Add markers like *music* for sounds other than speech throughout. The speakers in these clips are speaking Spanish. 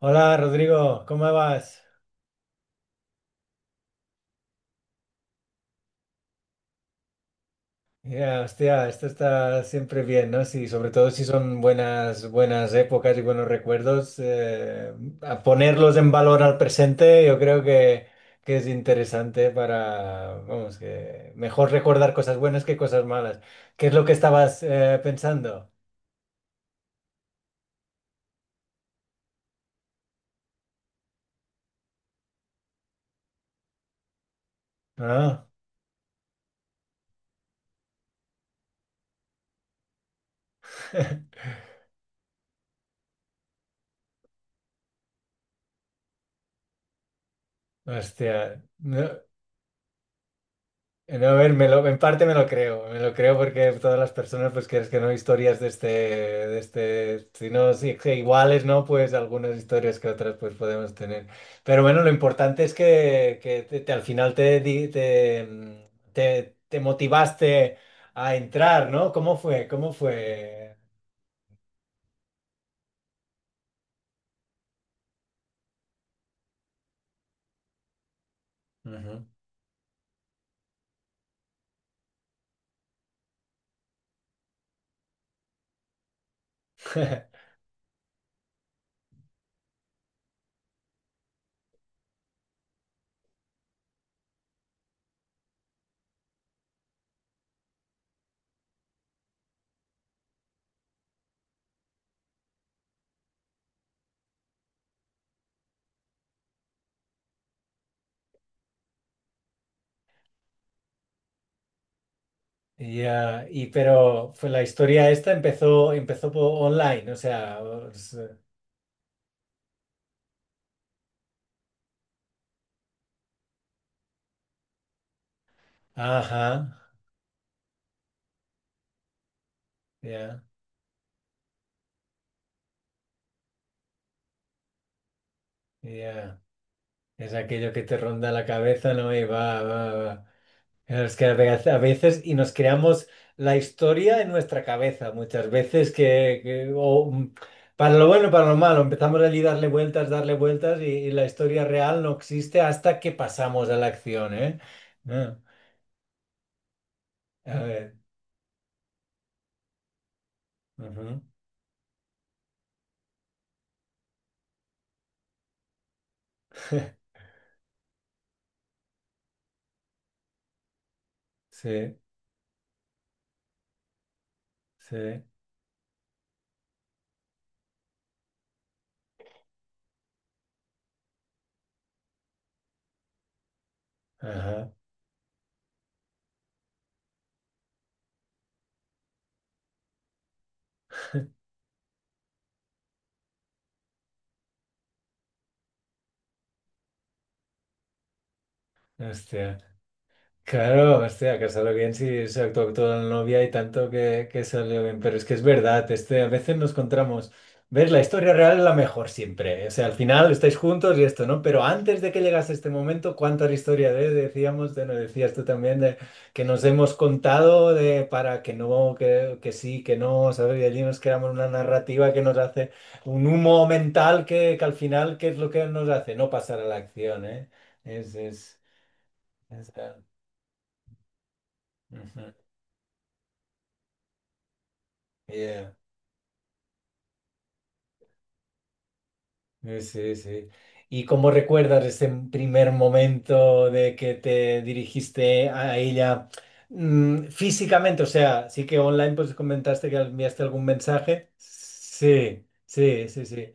Hola Rodrigo, ¿cómo vas? Ya, hostia, esto está siempre bien, ¿no? Sí, sobre todo si son buenas, buenas épocas y buenos recuerdos, a ponerlos en valor al presente, yo creo que es interesante para, vamos, que mejor recordar cosas buenas que cosas malas. ¿Qué es lo que estabas pensando? Ah, *laughs* hostia. No. No, a ver, me lo, en parte me lo creo porque todas las personas, pues quieres que no, historias de este, si no, si que iguales, ¿no? Pues algunas historias que otras, pues podemos tener. Pero bueno, lo importante es que, al final te motivaste a entrar, ¿no? ¿Cómo fue? ¿Cómo fue? Ujú. *laughs* Ya, y pero fue la historia esta empezó po- online, o sea, os- ajá, ya, ya. Es aquello que te ronda la cabeza, ¿no? Y va, va, va. Es que a veces, y nos creamos la historia en nuestra cabeza, muchas veces que, para lo bueno y para lo malo, empezamos allí a darle vueltas, y la historia real no existe hasta que pasamos a la acción, ¿eh? Ah, a ver. Ujú. *laughs* Sí, sí. Ajá. Hostia. Claro, hostia, casarlo bien si se actuó toda la novia y tanto que salió bien. Pero es que es verdad, este, a veces nos encontramos. ¿Ves? La historia real es la mejor siempre. O sea, al final estáis juntos y esto, ¿no? Pero antes de que llegase este momento, ¿cuánta historia de, decíamos, de, no decías tú también, de que nos hemos contado de para que no, que sí, que no, ¿sabes? Y allí nos creamos una narrativa que nos hace un humo mental que al final, ¿qué es lo que nos hace? No pasar a la acción, ¿eh? Es, es, es- ujú. Yeah, sí, sí. ¿Y cómo recuerdas ese primer momento de que te dirigiste a ella físicamente? O sea, sí que online pues comentaste que enviaste algún mensaje. Sí, sí, sí, sí.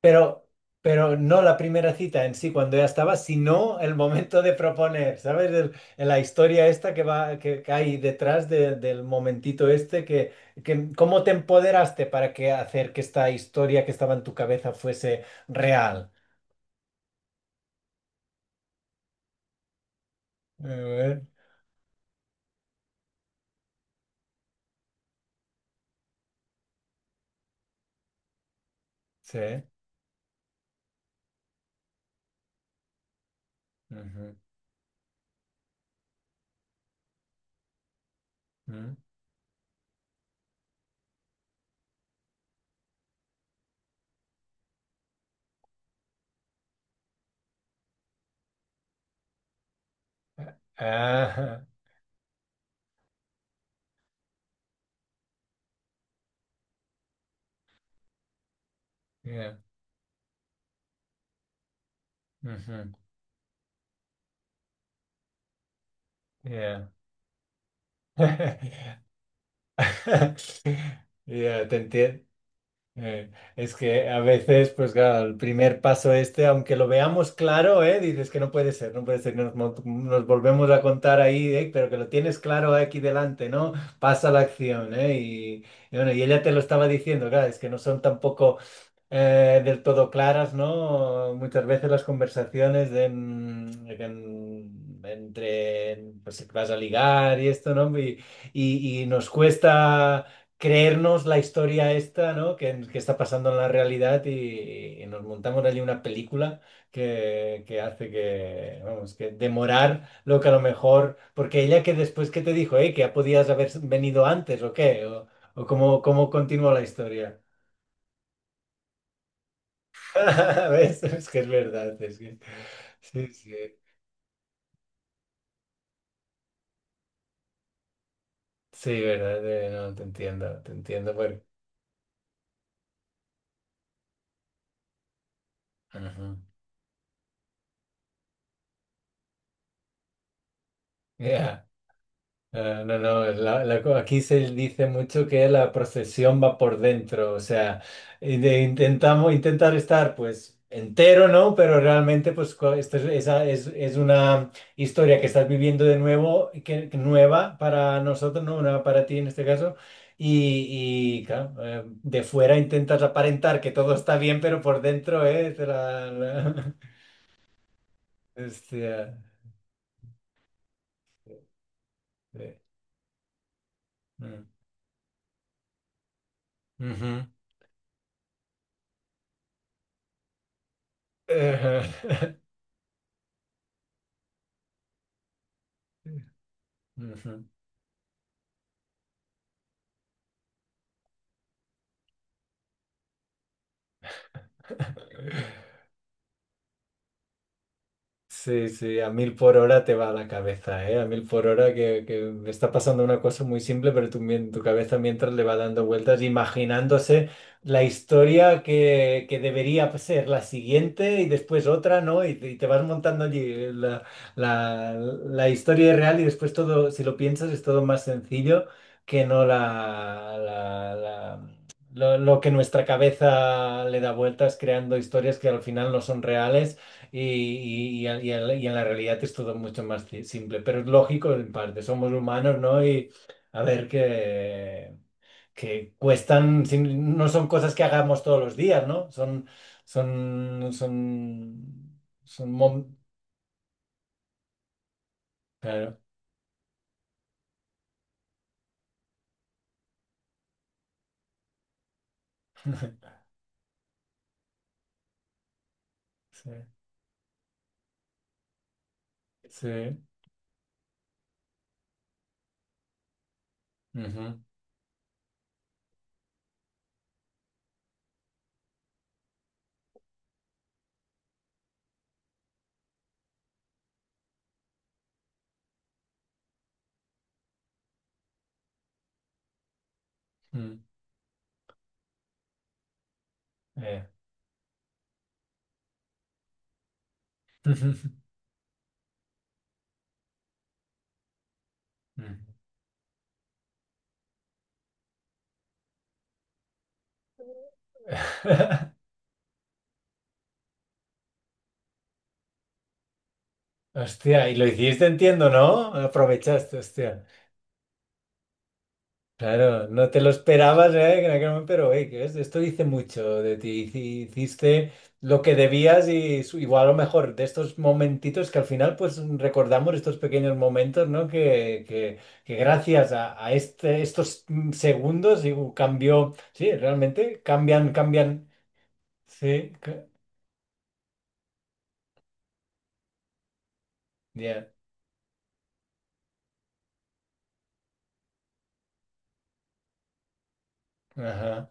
Pero, pero no la primera cita en sí cuando ya estaba, sino el momento de proponer, ¿sabes? La historia esta que va, que hay detrás de- del momentito este, que cómo te empoderaste para que hacer que esta historia que estaba en tu cabeza fuese real. A ver, sí. Ujú, ujú. Ah, yeah, ujú, yeah. *laughs* Ya, te entiendo. Eh, es que a veces, pues claro, el primer paso este, aunque lo veamos claro, ¿eh? Dices que no puede ser, no puede ser, nos volvemos a contar ahí, ¿eh? Pero que lo tienes claro aquí delante, ¿no? Pasa la acción, ¿eh? Y bueno, y ella te lo estaba diciendo, claro, es que no son tampoco del todo claras, ¿no? Muchas veces las conversaciones de, de que, entre, pues que vas a ligar y esto, ¿no? Y, y nos cuesta creernos la historia esta, ¿no? Que está pasando en la realidad y nos montamos allí una película que hace que, vamos, que demorar lo que a lo mejor, porque ella que después que te dijo, que ya podías haber venido antes o qué, o cómo, cómo continúa la historia. *laughs* ¿Ves? Es que es verdad, es que... Sí, sí, sí, verdad, no, te entiendo, bueno. Ajá. Ya. No, no, aquí se dice mucho que la procesión va por dentro, o sea, y de- intentamos intentar estar pues entero, ¿no? Pero realmente pues cua- esto es, esa es una historia que estás viviendo de nuevo, y que nueva para nosotros, ¿no? Nueva para ti en este caso. Y, claro, de fuera intentas aparentar que todo está bien, pero por dentro, ¿eh? Te *laughs* Hostia. Sí. Mm. Ujú. *laughs* Ujú. Sí, sí, a mil por hora te va la cabeza, ¿eh? A mil por hora que me está pasando una cosa muy simple, pero tu, mien- tu cabeza mientras le va dando vueltas, imaginándose la historia que debería ser la siguiente y después otra, ¿no? Y te vas montando allí la, la, la historia real y después todo, si lo piensas, es todo más sencillo que no la, lo que nuestra cabeza le da vueltas creando historias que al final no son reales y, y en la realidad es todo mucho más ci- simple, pero es lógico en parte, somos humanos, ¿no? Y a ver que cuestan, sin- no son cosas que hagamos todos los días, ¿no? Son, son, son, son, mom- claro. *laughs* Sí, sí. Ujú, mm, eh. *laughs* Mm. *laughs* Hostia, y lo hiciste, entiendo, ¿no? Aprovechaste, hostia. Claro, no te lo esperabas, ¿eh? En aquel momento, pero hey, que es- esto dice mucho de ti. Hici- Hiciste lo que debías y su- igual a lo mejor de estos momentitos que al final pues recordamos estos pequeños momentos, ¿no? Que, que gracias a este, estos segundos y cambió, sí, realmente cambian, cambian, sí, ca- ya. Ajá.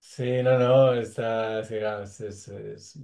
Sí, no, no, está, sí, claro, es,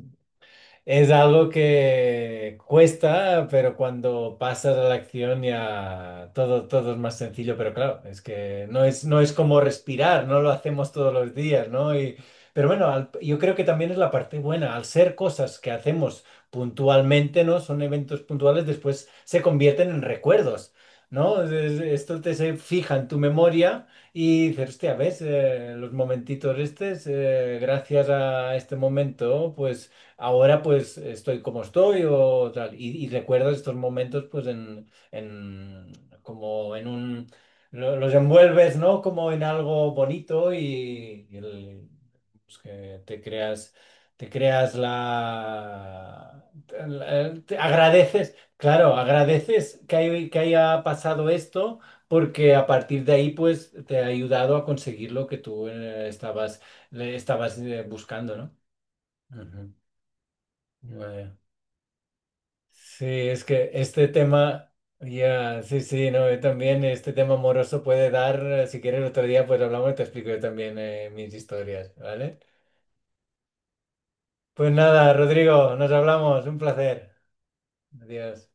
es algo que cuesta, pero cuando pasas a la acción ya todo, todo es más sencillo, pero claro, es que no es, no es como respirar, no lo hacemos todos los días, ¿no? Y, pero bueno, al- yo creo que también es la parte buena, al ser cosas que hacemos puntualmente, ¿no? Son eventos puntuales, después se convierten en recuerdos, ¿no? Esto te se fija en tu memoria. Y dices, hostia, ¿ves? Los momentitos estos, gracias a este momento, pues ahora pues estoy como estoy o tal. Y recuerdo estos momentos pues en como en un, lo- los envuelves, ¿no? Como en algo bonito y, pues, que te creas la, el- te agradeces, claro, agradeces que, hay- que haya pasado esto. Porque a partir de ahí, pues, te ha ayudado a conseguir lo que tú estabas, le estabas buscando, ¿no? Ujú. Vaya. Sí, es que este tema, ya, sí, sí, no, yo también este tema amoroso puede dar, si quieres otro día, pues hablamos y te explico yo también mis historias, ¿vale? Pues nada, Rodrigo, nos hablamos, un placer. Adiós.